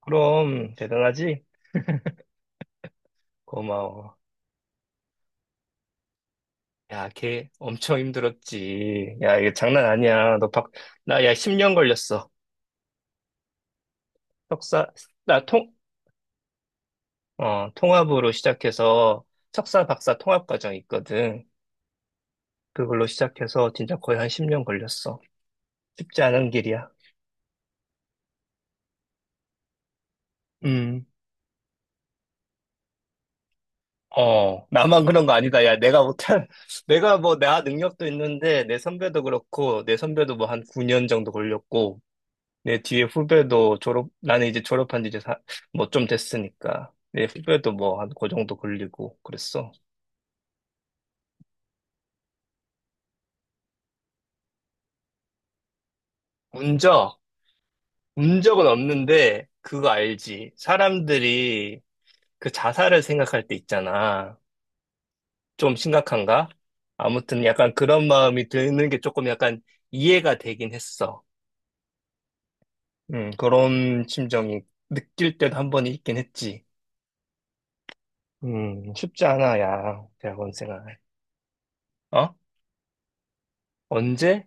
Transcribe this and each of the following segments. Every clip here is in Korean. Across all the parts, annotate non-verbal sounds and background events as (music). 그럼 대단하지? 고마워. 야, 걔 엄청 힘들었지. 야, 이거 장난 아니야. 10년 걸렸어. 석사, 나 통, 통합으로 시작해서 석사 박사 통합 과정이 있거든. 그걸로 시작해서 진짜 거의 한 10년 걸렸어. 쉽지 않은 길이야. 음. 어, 나만 그런 거 아니다. 야, (laughs) 내가 뭐, 나 능력도 있는데, 내 선배도 그렇고, 내 선배도 뭐 한 9년 정도 걸렸고, 내 뒤에 후배도 졸업, 나는 이제 졸업한 지 이제 뭐 좀 됐으니까. 내 후배도 뭐 한 그 정도 걸리고 그랬어. 운적, 운적은 없는데 그거 알지. 사람들이 그 자살을 생각할 때 있잖아. 좀 심각한가? 아무튼 약간 그런 마음이 드는 게 조금 약간 이해가 되긴 했어. 그런 심정이 느낄 때도 한 번 있긴 했지. 쉽지 않아, 야, 대학원 생활. 어? 언제?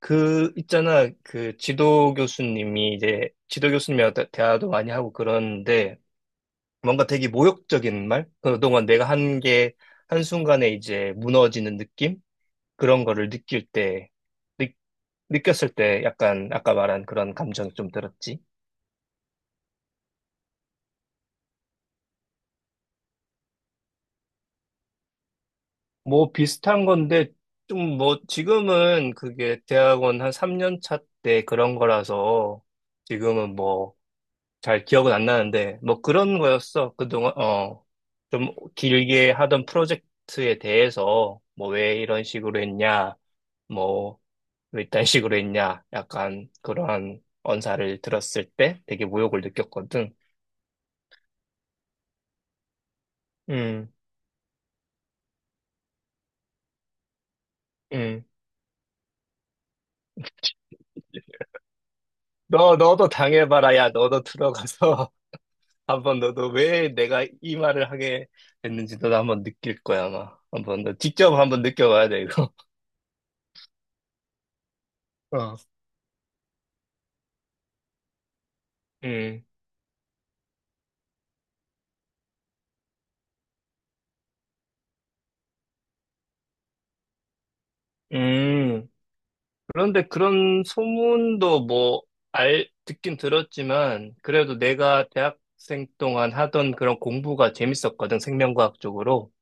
그 있잖아 그 지도 교수님이 이제 지도 교수님이랑 대화도 많이 하고 그러는데 뭔가 되게 모욕적인 말 그동안 내가 한 게 한순간에 이제 무너지는 느낌 그런 거를 느낄 때 느- 느꼈을 때 약간 아까 말한 그런 감정이 좀 들었지. 뭐 비슷한 건데 좀 뭐 지금은 그게 대학원 한 3년 차 때 그런 거라서 지금은 뭐 잘 기억은 안 나는데, 뭐 그런 거였어. 그동안, 어, 좀 길게 하던 프로젝트에 대해서, 뭐 왜 이런 식으로 했냐, 뭐, 왜 이딴 식으로 했냐, 약간 그러한 언사를 들었을 때 되게 모욕을 느꼈거든. 음, 음. 너도 당해봐라. 야, 너도 들어가서 (laughs) 한번 너도 왜 내가 이 말을 하게 됐는지 너도 한번 느낄 거야, 아마. 한번 너 직접 한번 느껴봐야 돼, 이거. (laughs) 어. 음, 음. 그런데 그런 소문도 뭐, 듣긴 들었지만, 그래도 내가 대학생 동안 하던 그런 공부가 재밌었거든, 생명과학 쪽으로.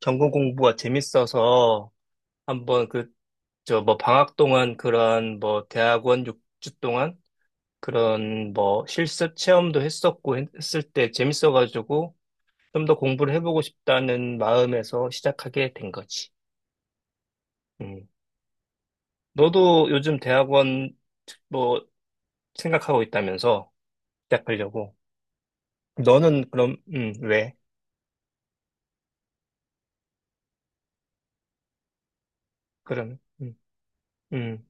전공 공부가 재밌어서, 한번 그, 저 뭐, 방학 동안 그런 뭐, 대학원 6주 동안 그런 뭐, 실습 체험도 했었고, 했을 때 재밌어가지고, 좀 더 공부를 해보고 싶다는 마음에서 시작하게 된 거지. 음. 너도 요즘 대학원 뭐, 생각하고 있다면서? 시작하려고. 너는 그럼, 왜? 그럼, 음,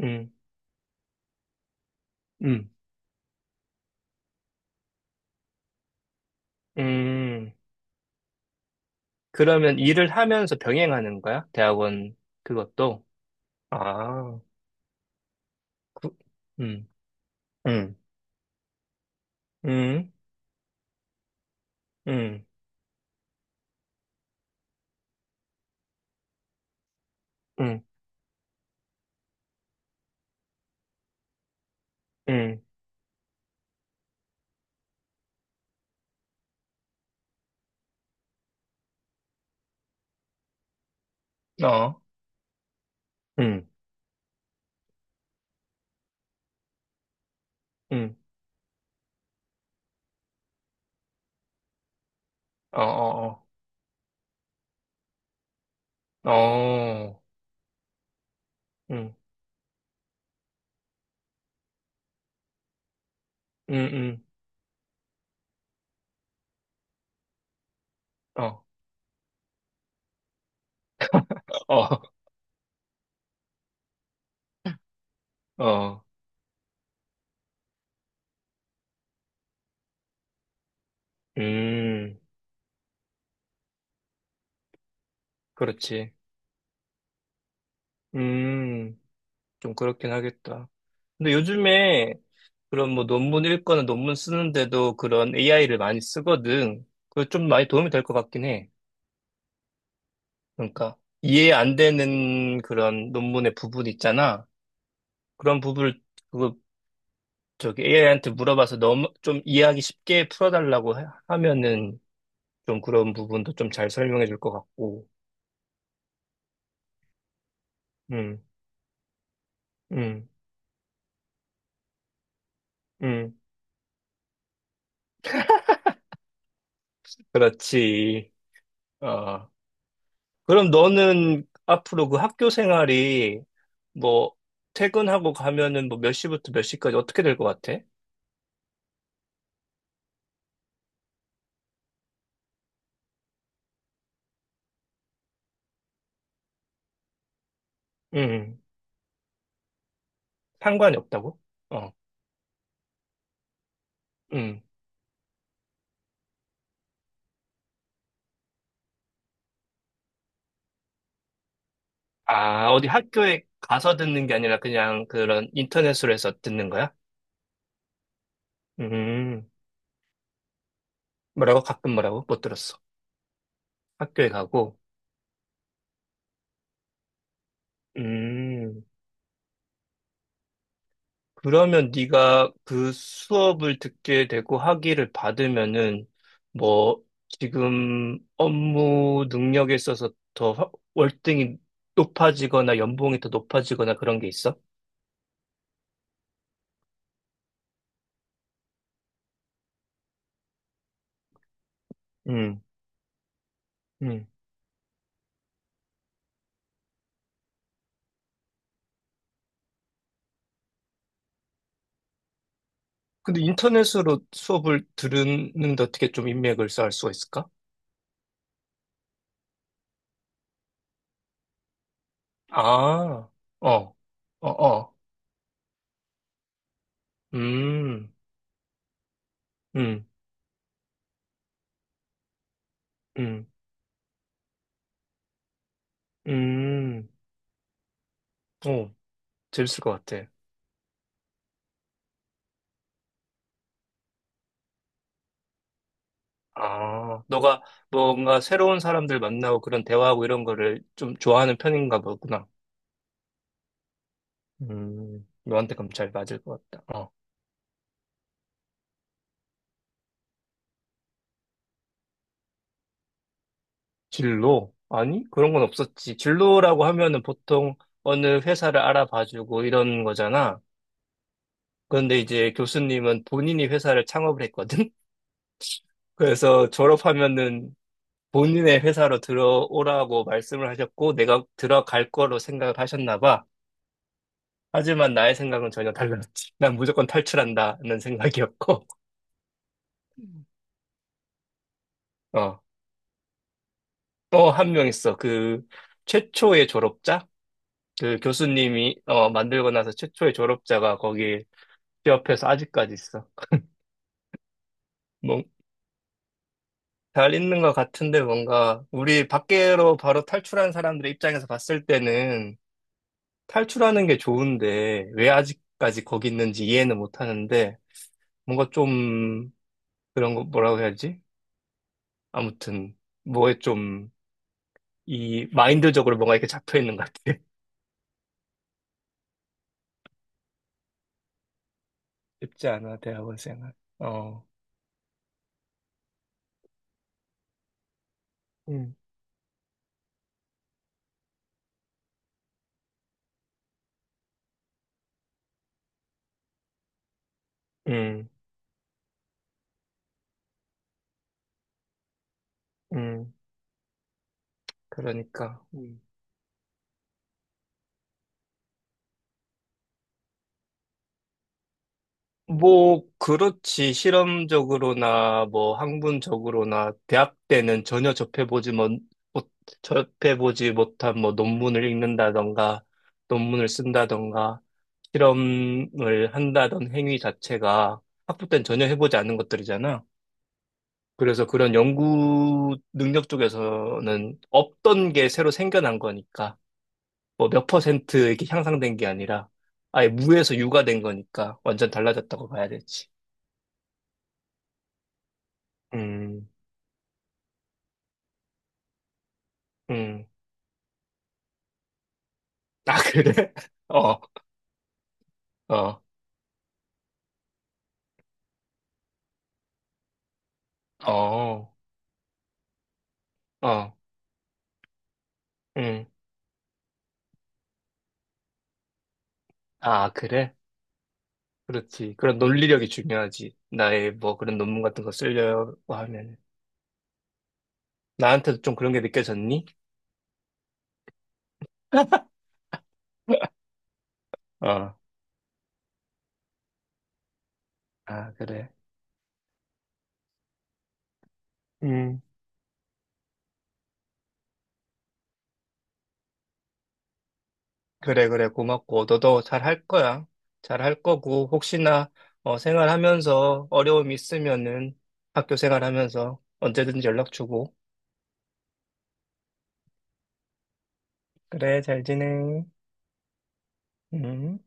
음, 음, 음. 그러면 일을 하면서 병행하는 거야? 대학원 그것도? 아, 그, 음, 음, 음, 음, 음, 음, 어, 음, 음, 어, 어, 어, 어, 음, 음, 음, 어, 어, 어, 음, 그렇지. 음, 좀 그렇긴 하겠다. 근데 요즘에 그런 뭐 논문 읽거나 논문 쓰는데도 그런 AI를 많이 쓰거든. 그거 좀 많이 도움이 될 것 같긴 해. 그러니까 이해 안 되는 그런 논문의 부분 있잖아. 그런 부분을 그 저기 AI한테 물어봐서 너무 좀 이해하기 쉽게 풀어달라고 하면은 좀 그런 부분도 좀 잘 설명해 줄 것 같고. 음, 음, 음. 그렇지. 어. 그럼 너는 앞으로 그 학교 생활이 뭐 퇴근하고 가면은 뭐 몇 시부터 몇 시까지 어떻게 될 것 같아? 음, 상관이 없다고? 어, 음. 아, 어디 학교에 가서 듣는 게 아니라 그냥 그런 인터넷으로 해서 듣는 거야? 음, 뭐라고? 가끔 뭐라고? 못 들었어. 학교에 가고. 음. 그러면 네가 그 수업을 듣게 되고 학위를 받으면은 뭐 지금 업무 능력에 있어서 더 월등히 높아지거나 연봉이 더 높아지거나 그런 게 있어? 음, 음. 근데 인터넷으로 수업을 들으는데 어떻게 좀 인맥을 쌓을 수가 있을까? 아, 어, 어, 어. 음, 음, 음, 음. 오, 재밌을 것 같아. 아, 너가 뭔가 새로운 사람들 만나고 그런 대화하고 이런 거를 좀 좋아하는 편인가 보구나. 너한테 그럼 잘 맞을 것 같다. 어. 진로? 아니, 그런 건 없었지. 진로라고 하면은 보통 어느 회사를 알아봐주고 이런 거잖아. 그런데 이제 교수님은 본인이 회사를 창업을 했거든? (laughs) 그래서 졸업하면은 본인의 회사로 들어오라고 말씀을 하셨고, 내가 들어갈 거로 생각을 하셨나 봐. 하지만 나의 생각은 전혀 달랐지. 난 무조건 탈출한다는 생각이었고, 어, 또 한 명 있어. 그 최초의 졸업자? 그 교수님이 어, 만들고 나서 최초의 졸업자가 거기 취업해서 아직까지 있어. 뭐, 잘 있는 것 같은데 뭔가 우리 밖으로 바로 탈출한 사람들의 입장에서 봤을 때는 탈출하는 게 좋은데 왜 아직까지 거기 있는지 이해는 못 하는데 뭔가 좀 그런 거 뭐라고 해야지? 아무튼 뭐에 좀 이 마인드적으로 뭔가 이렇게 잡혀 있는 것 같아. (laughs) 쉽지 않아, 대학원생은. 어, 음, 음, 음, 그러니까. 음. 뭐, 그렇지. 실험적으로나, 뭐, 학문적으로나, 대학 때는 전혀 접해보지 못, 못- 접해보지 못한 뭐, 논문을 읽는다던가, 논문을 쓴다던가, 실험을 한다던 행위 자체가 학부 때는 전혀 해보지 않은 것들이잖아. 그래서 그런 연구 능력 쪽에서는 없던 게 새로 생겨난 거니까, 뭐 몇 퍼센트 이렇게 향상된 게 아니라, 아예 무에서 유가 된 거니까 완전 달라졌다고 봐야 되지. 음, 음. 아, 그래? (laughs) 어, 어, 어, 어, 음. 아, 그래? 그렇지. 그런 논리력이 중요하지. 나의 뭐 그런 논문 같은 거 쓰려고 하면. 나한테도 좀 그런 게 느껴졌니? (laughs) 어, 아, 그래. 음. 그래, 그래, 고맙고, 너도 잘할 거야. 잘할 거고, 혹시나, 어, 생활하면서 어려움 있으면은, 학교 생활하면서 언제든지 연락 주고. 그래, 잘 지내. 음.